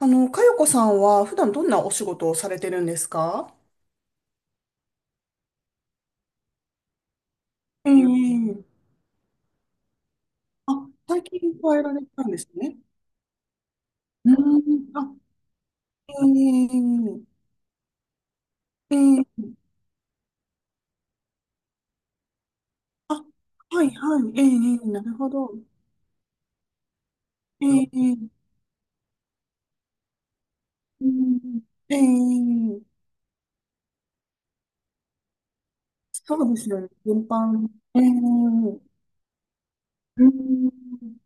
かよこさんは普段どんなお仕事をされてるんですか？ええ。あ、最近変えられたんですね。うん。あ、ええ。ええ。あ、はいはい、ええ。ええ、なるほど。ええ。うん。ええ。そうですよね、全般。ええ。うん、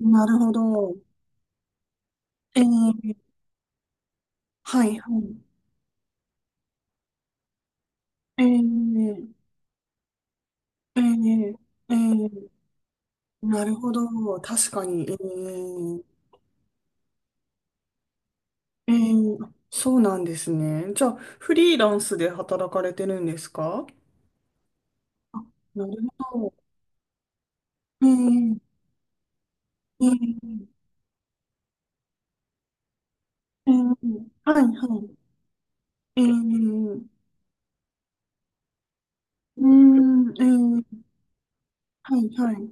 なるほど。ええ。はいはい。ええ。ええ。ええ、なるほど、確かに。ええ。あ、そうなんですね。じゃあ、フリーランスで働かれてるんですか？あ、なるほど。えー、えー、はい、はい。えー、うーん、ー、はい、はい。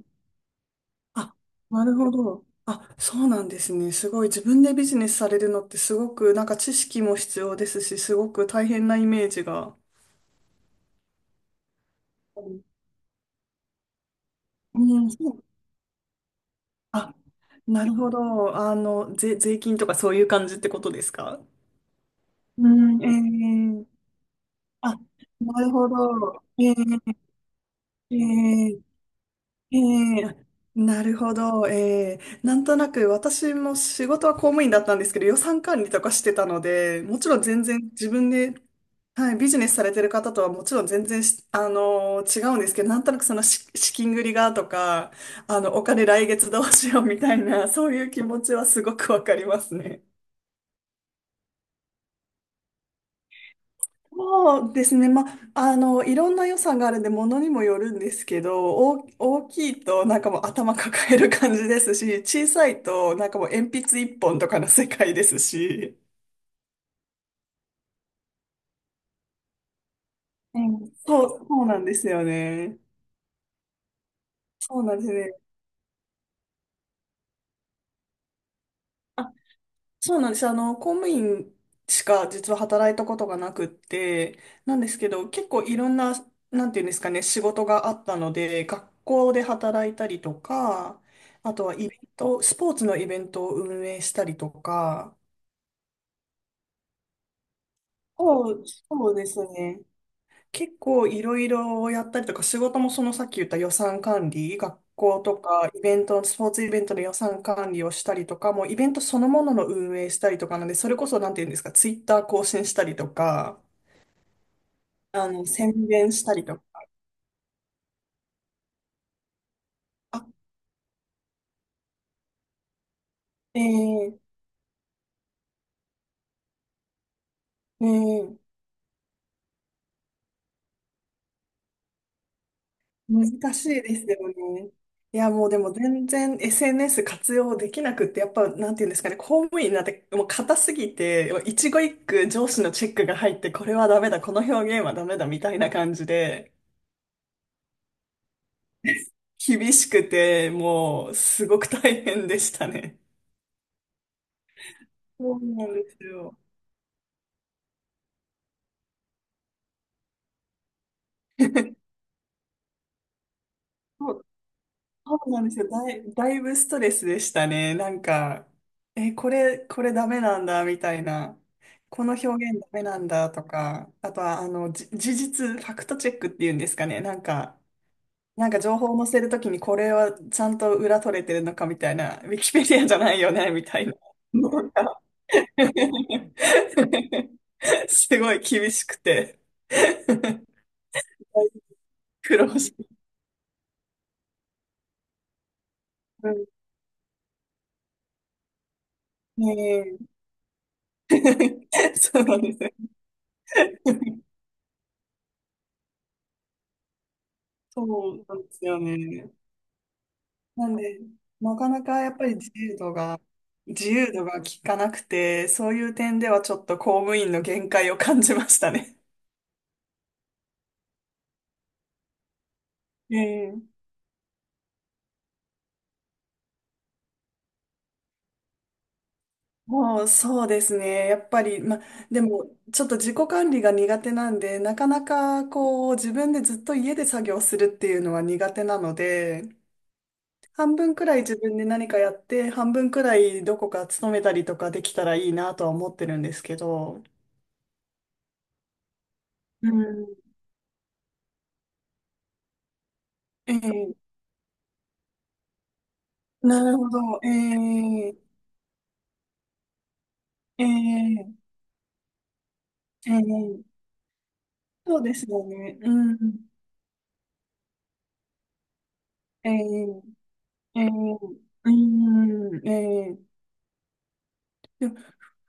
あ、なるほど。あ、そうなんですね。すごい。自分でビジネスされるのってすごく、なんか知識も必要ですし、すごく大変なイメージが。うん、そう。あ、なるほど。税金とかそういう感じってことですか？うん、ええ。あ、なるほど。ええ。ええ。ええ。あ、なるほど。ええ、なんとなく私も仕事は公務員だったんですけど、予算管理とかしてたので、もちろん全然自分で、はい、ビジネスされてる方とはもちろん全然し、あのー違うんですけど、なんとなくその資金繰りがとか、お金来月どうしようみたいな、そういう気持ちはすごくわかりますね。そうですね。まあ、いろんな予算があるんで、ものにもよるんですけど、大きいとなんかもう頭抱える感じですし、小さいとなんかもう鉛筆一本とかの世界ですし。うん、そう、そうなんですよね。そうなんですね。そうなんです。公務員しか実は働いたことがなくって、なんですけど、結構いろんな、なんていうんですかね、仕事があったので、学校で働いたりとか、あとはイベント、スポーツのイベントを運営したりとか、そう、そうですね。結構いろいろやったりとか、仕事もそのさっき言った予算管理、学校とかイベント、スポーツイベントの予算管理をしたりとか、もうイベントそのものの運営したりとかなんで、それこそなんて言うんですか、ツイッター更新したりとか、宣伝したりとか。あ、ええ。ええ。難しいですよね。いや、もうでも全然 SNS 活用できなくって、やっぱ、なんていうんですかね、公務員になんてもう硬すぎて、もう一語一句上司のチェックが入って、これはダメだ、この表現はダメだ、みたいな感じで、厳しくて、もう、すごく大変でしたね。そうなんですよ。そうなんですよ。だいぶストレスでしたね。なんか、え、これ、これダメなんだ、みたいな。この表現ダメなんだ、とか。あとは、事実、ファクトチェックっていうんですかね。なんか情報を載せるときに、これはちゃんと裏取れてるのか、みたいな。ウィキペディアじゃないよね、みたいな。なんか すごい厳しくて。苦労して、うん、ね、え。 そうなんですよ。そうなんですよね。なんで、なかなかやっぱり自由度が効かなくて、そういう点ではちょっと公務員の限界を感じましたね。ええ、もうそうですね。やっぱり、ま、でも、ちょっと自己管理が苦手なんで、なかなかこう、自分でずっと家で作業するっていうのは苦手なので、半分くらい自分で何かやって、半分くらいどこか勤めたりとかできたらいいなとは思ってるんですけど、うん。ええ、なるほど。ええ。ええ。ええ。そうですよね。うん。ええ。ええ。うん、ええ。でも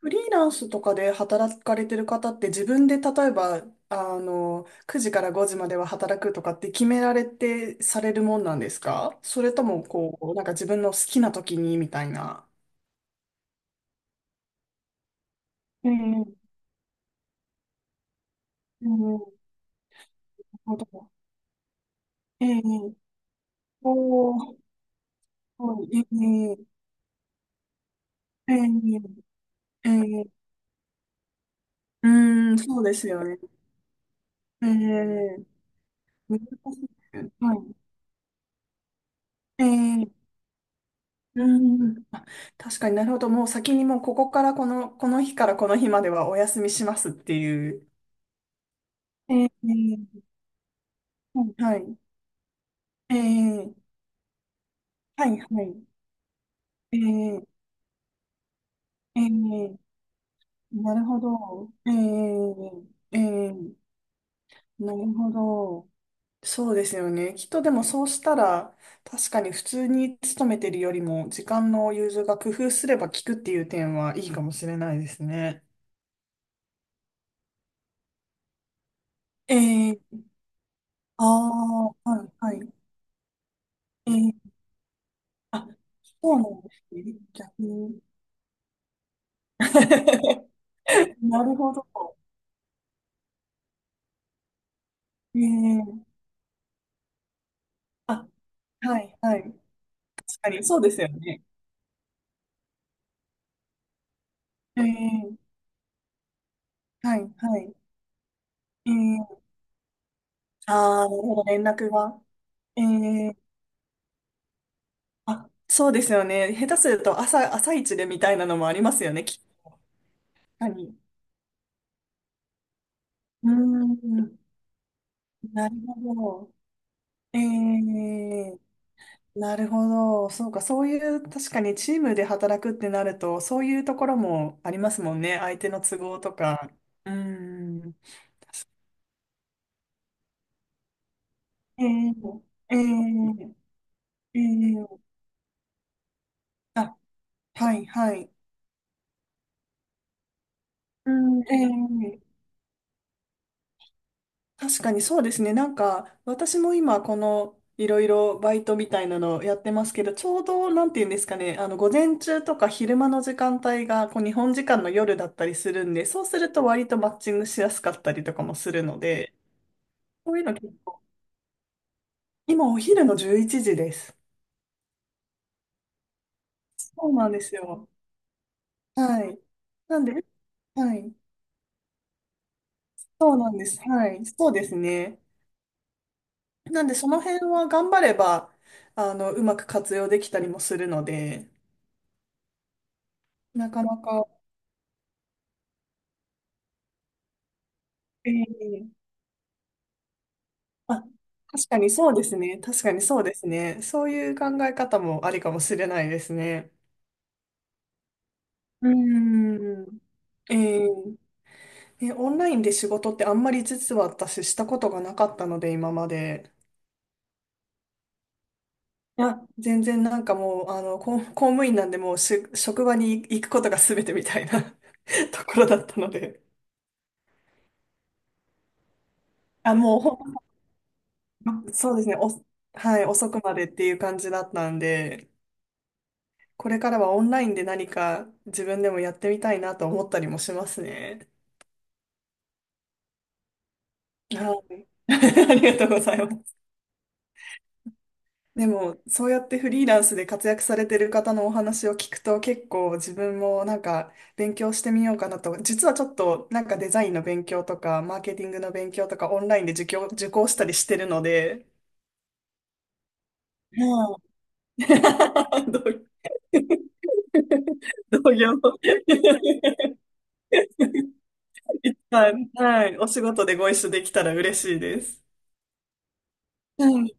フリーランスとかで働かれてる方って自分で例えば、9時から5時までは働くとかって決められてされるもんなんですか？それとも、こう、なんか自分の好きな時にみたいな。ええ。ええ。本当だ。ええ。おー、はい。ええ。ええ。ええ。うーん、そうですよね。ええ。難しいですよね。はい。ええ。うん。確かに、なるほど。もう先にもうここからこの日からこの日まではお休みしますっていう。ええ、はい。ええ、はいはい。ええ。ええ、なるほど。ええ。ええ、なるほど。そうですよね。きっとでもそうしたら、確かに普通に勤めてるよりも、時間の融通が工夫すれば効くっていう点はいいかもしれないですね。えー、ああ、はい、はい。えー、あ、そうなんですね。逆に。なるほど。えー、あ、はい、はい。確かに、そうですよね。えー、はい、はい。えー、ああ、なるほど、連絡が。えーあ、そうですよね。下手すると朝一でみたいなのもありますよね、きっと。確かに。うーん、なるほど。ええ、なるほど。そうか、そういう、確かにチームで働くってなると、そういうところもありますもんね。相手の都合とか。うーん。ええ。ええ。ええ。あ、はい、はい。うん、ええ。確かにそうですね。なんか、私も今、この、いろいろバイトみたいなのをやってますけど、ちょうど、なんていうんですかね、午前中とか昼間の時間帯が、こう、日本時間の夜だったりするんで、そうすると割とマッチングしやすかったりとかもするので、こういうの結構、今お昼の11時です。そうなんですよ。はい。なんで、はい。そうなんです。はい。そうですね。なんで、その辺は頑張れば、うまく活用できたりもするので、なかなか、ええ。あ、確かにそうですね。確かにそうですね。そういう考え方もありかもしれないですね。うーん。ええ。ね、オンラインで仕事ってあんまり実は私したことがなかったので、今まで。いや、全然なんかもう、公務員なんでもうし、職場に行くことが全てみたいな ところだったので。あ、もうそうですね。はい、遅くまでっていう感じだったんで。これからはオンラインで何か自分でもやってみたいなと思ったりもしますね。はい。 ありがとうございます。でも、そうやってフリーランスで活躍されてる方のお話を聞くと結構自分もなんか勉強してみようかなと。実はちょっとなんかデザインの勉強とかマーケティングの勉強とかオンラインで受講したりしてるので、はい。 同業。 はい、はい、お仕事でご一緒できたら嬉しいです。はい。